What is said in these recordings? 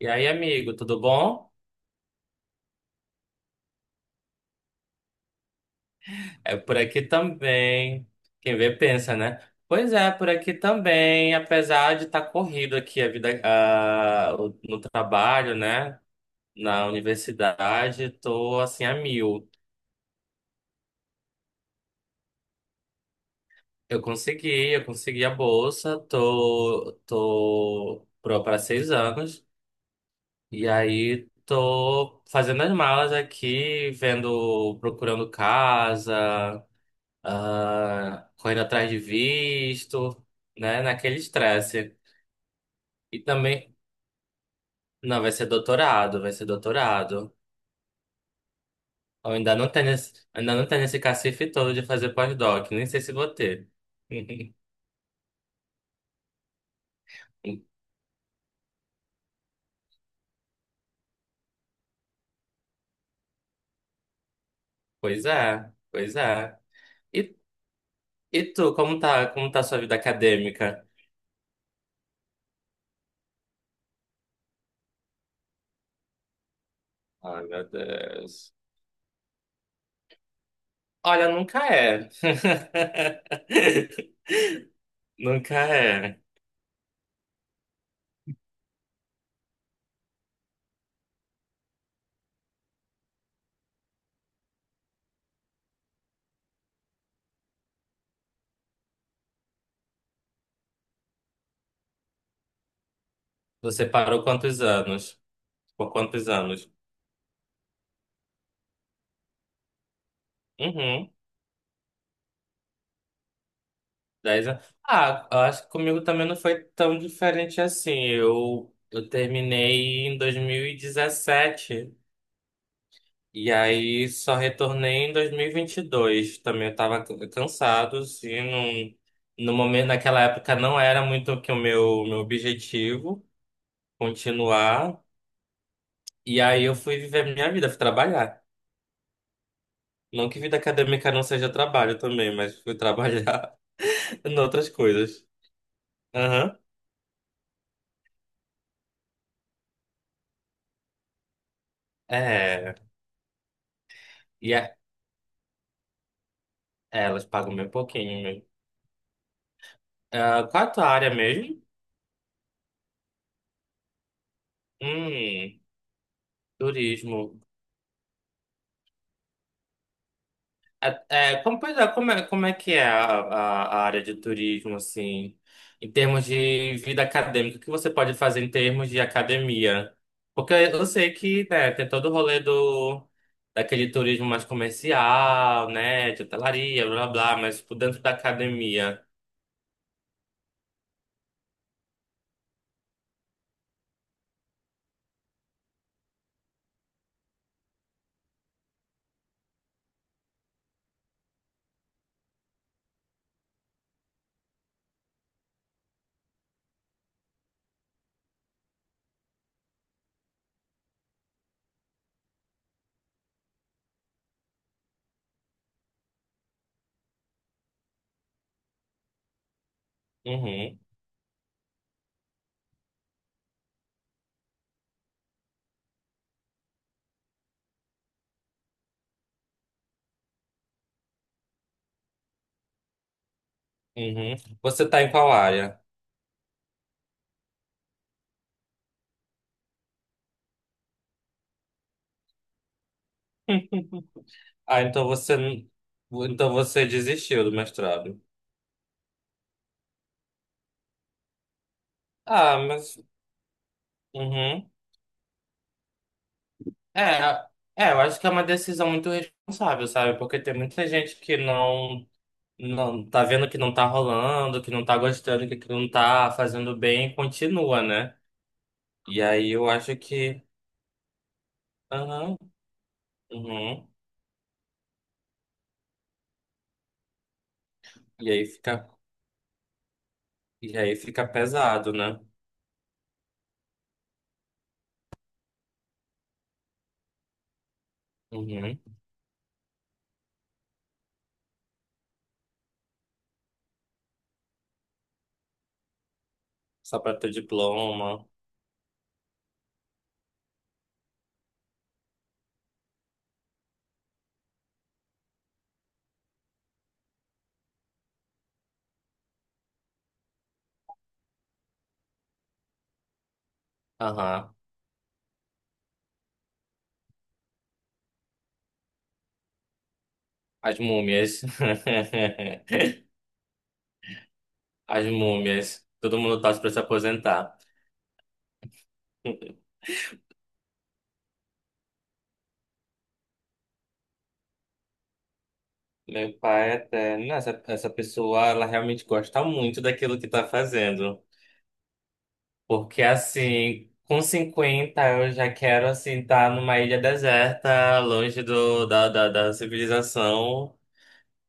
E aí, amigo, tudo bom? É por aqui também. Quem vê pensa, né? Pois é, por aqui também, apesar de estar corrido aqui a vida, no trabalho, né? Na universidade, tô assim a mil. Eu consegui a bolsa, tô, tô pro para 6 anos. E aí tô fazendo as malas aqui, vendo, procurando casa. Correndo atrás de visto, né? Naquele estresse. E também, não, vai ser doutorado, vai ser doutorado. Eu ainda não tenho nesse, ainda não tenho nesse cacife todo de fazer pós-doc, nem sei se vou ter. Pois é, pois é. E, e tu, como tá a sua vida acadêmica? Ai, meu Deus. Olha, nunca é. Nunca é. Você parou quantos anos? Por quantos anos? Uhum. 10 anos. Ah, eu acho que comigo também não foi tão diferente assim. Eu terminei em 2017 e aí só retornei em 2022. Também eu tava cansado, assim, não, no momento, naquela época não era muito que o meu objetivo continuar. E aí eu fui viver minha vida, fui trabalhar. Não que vida acadêmica não seja trabalho também, mas fui trabalhar em outras coisas. Aham. É. E, a- é, elas pagam bem pouquinho mesmo. Ah, qual é a tua área mesmo? Hum, turismo. Pois é, como é que é a área de turismo, assim, em termos de vida acadêmica? O que você pode fazer em termos de academia? Porque eu sei que, né, tem todo o rolê daquele turismo mais comercial, né, de hotelaria, blá, blá, blá, mas tipo, dentro da academia. Uhum, uhum. Você tá em qual área? Ah, então você, então você desistiu do mestrado. Ah, mas, uhum. É, eu acho que é uma decisão muito responsável, sabe? Porque tem muita gente que não, não tá vendo que não tá rolando, que não tá gostando, que aquilo não tá fazendo bem, e continua, né? E aí eu acho que, aham, uhum, E aí fica, e aí fica pesado, né? Uhum. Só pra ter diploma, aham. As múmias. As múmias. Todo mundo torce pra se aposentar. Meu pai até. Não, essa pessoa, ela realmente gosta muito daquilo que tá fazendo. Porque, assim, com 50 eu já quero, assim, estar numa ilha deserta, longe da civilização,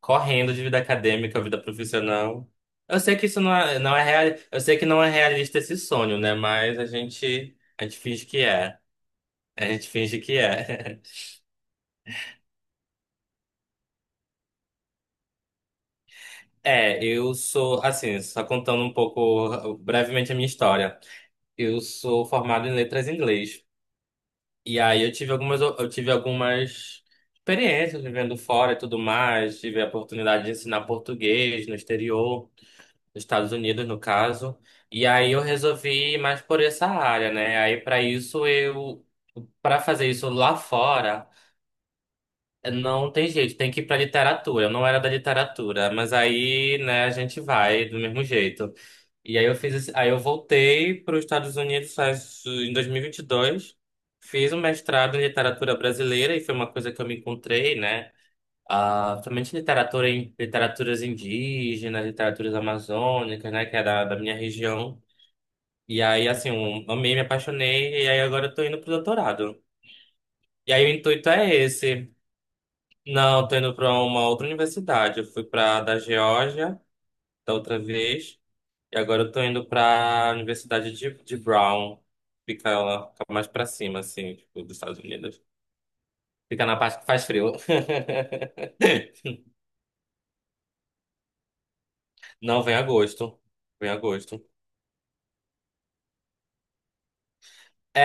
correndo de vida acadêmica, vida profissional. Eu sei que isso não é, não é real, eu sei que não é realista esse sonho, né? Mas a gente finge que é. A gente finge que é. É, eu sou, assim, só contando um pouco brevemente a minha história. Eu sou formado em letras em inglês. E aí eu tive algumas experiências vivendo fora e tudo mais. Tive a oportunidade de ensinar português no exterior, nos Estados Unidos, no caso. E aí eu resolvi ir mais por essa área, né? Aí para isso eu, para fazer isso lá fora. Não tem jeito, tem que ir pra literatura. Eu não era da literatura, mas aí, né, a gente vai do mesmo jeito. E aí eu fiz esse, aí eu voltei para os Estados Unidos em 2022, fiz um mestrado em literatura brasileira e foi uma coisa que eu me encontrei, né? Ah, somente literatura em literaturas indígenas, literaturas amazônicas, né, que é da minha região. E aí, assim, eu amei, me apaixonei, e aí agora eu tô indo pro doutorado. E aí o intuito é esse. Não, tô indo para uma outra universidade. Eu fui para da Geórgia da outra vez e agora eu tô indo para a Universidade de Brown. Fica lá, fica mais para cima assim, tipo, dos Estados Unidos. Fica na parte que faz frio. Não vem agosto. Vem agosto. É,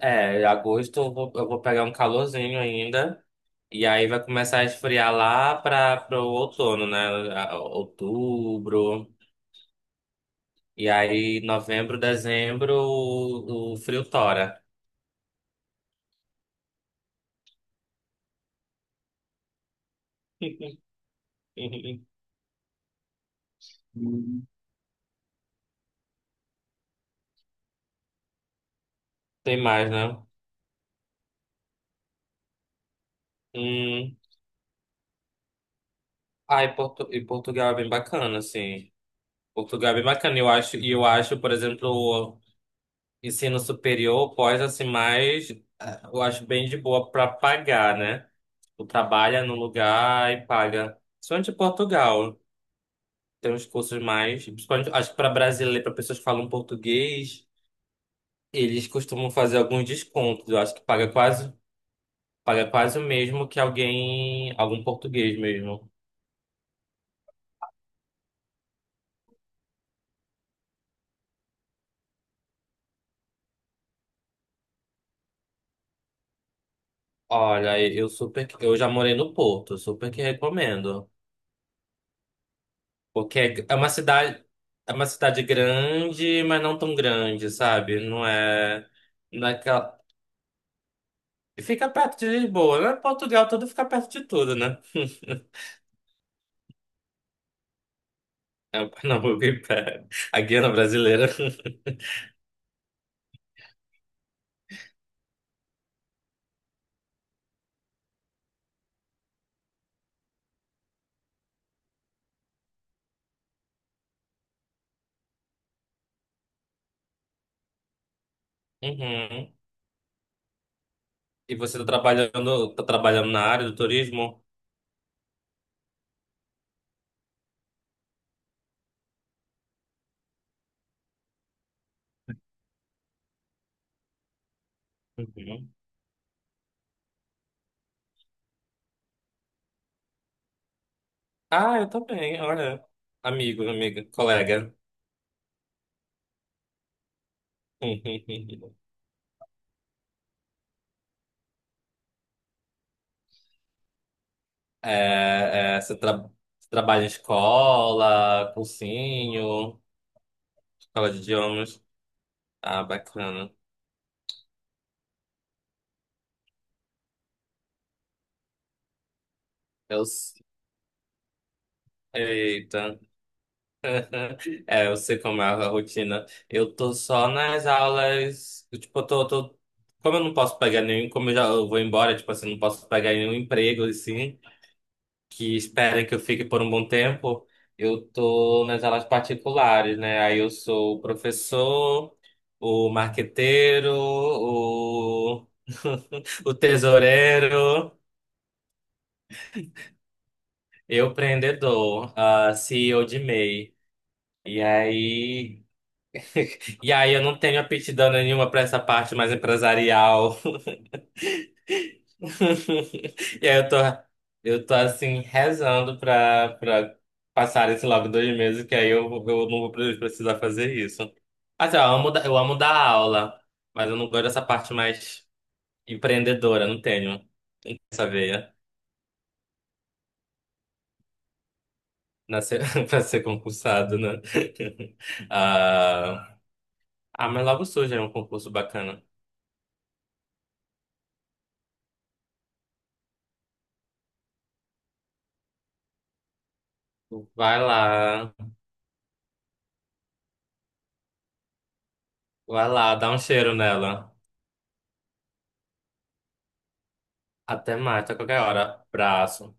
é, é, Agosto eu vou pegar um calorzinho ainda. E aí vai começar a esfriar lá para o outono, né? Outubro. E aí, novembro, dezembro, o frio tora. Tem mais, né? Hum. E Portugal é bem bacana, assim. Portugal é bem bacana. E eu acho, por exemplo, o ensino superior, pós, assim, eu acho bem de boa para pagar, né? Tu trabalha no lugar e paga. Principalmente em Portugal. Tem uns cursos mais... Principalmente, acho que para brasileiro, para pessoas que falam português... Eles costumam fazer alguns descontos. Eu acho que paga quase o mesmo que alguém, algum português mesmo. Olha, eu já morei no Porto, super que recomendo. Porque é uma cidade grande, mas não tão grande, sabe? Não é naquela Fica perto de Lisboa, né? Portugal tudo fica perto de tudo, né? É o Pernambuco em pé. A Guiana brasileira. Uhum. E você tá trabalhando na área do turismo? Uhum. Ah, eu também, olha. Amigo, amiga, colega. É, é, você, tra- você trabalha em escola, cursinho, escola de idiomas. Ah, bacana. Eu, s- eita. É, eu sei como é a rotina. Eu tô só nas aulas. Tipo, como eu não posso pegar nenhum, como eu já eu vou embora, tipo assim, não posso pegar nenhum emprego, assim. Que espera que eu fique por um bom tempo, eu tô nas aulas particulares, né? Aí eu sou o professor, o marqueteiro, o tesoureiro, eu empreendedor, a CEO de MEI. E aí, e aí eu não tenho aptidão nenhuma para essa parte mais empresarial E aí eu tô, eu tô assim, rezando pra passar esse logo 2 meses, que aí eu não vou precisar fazer isso. Assim, ó, eu amo dar aula, mas eu não gosto dessa parte mais empreendedora, não tenho essa veia nascer, pra ser concursado, né? Ah, ah, mas logo surge aí um concurso bacana. Vai lá, vai lá, dá um cheiro nela. Até mais, até qualquer hora. Abraço.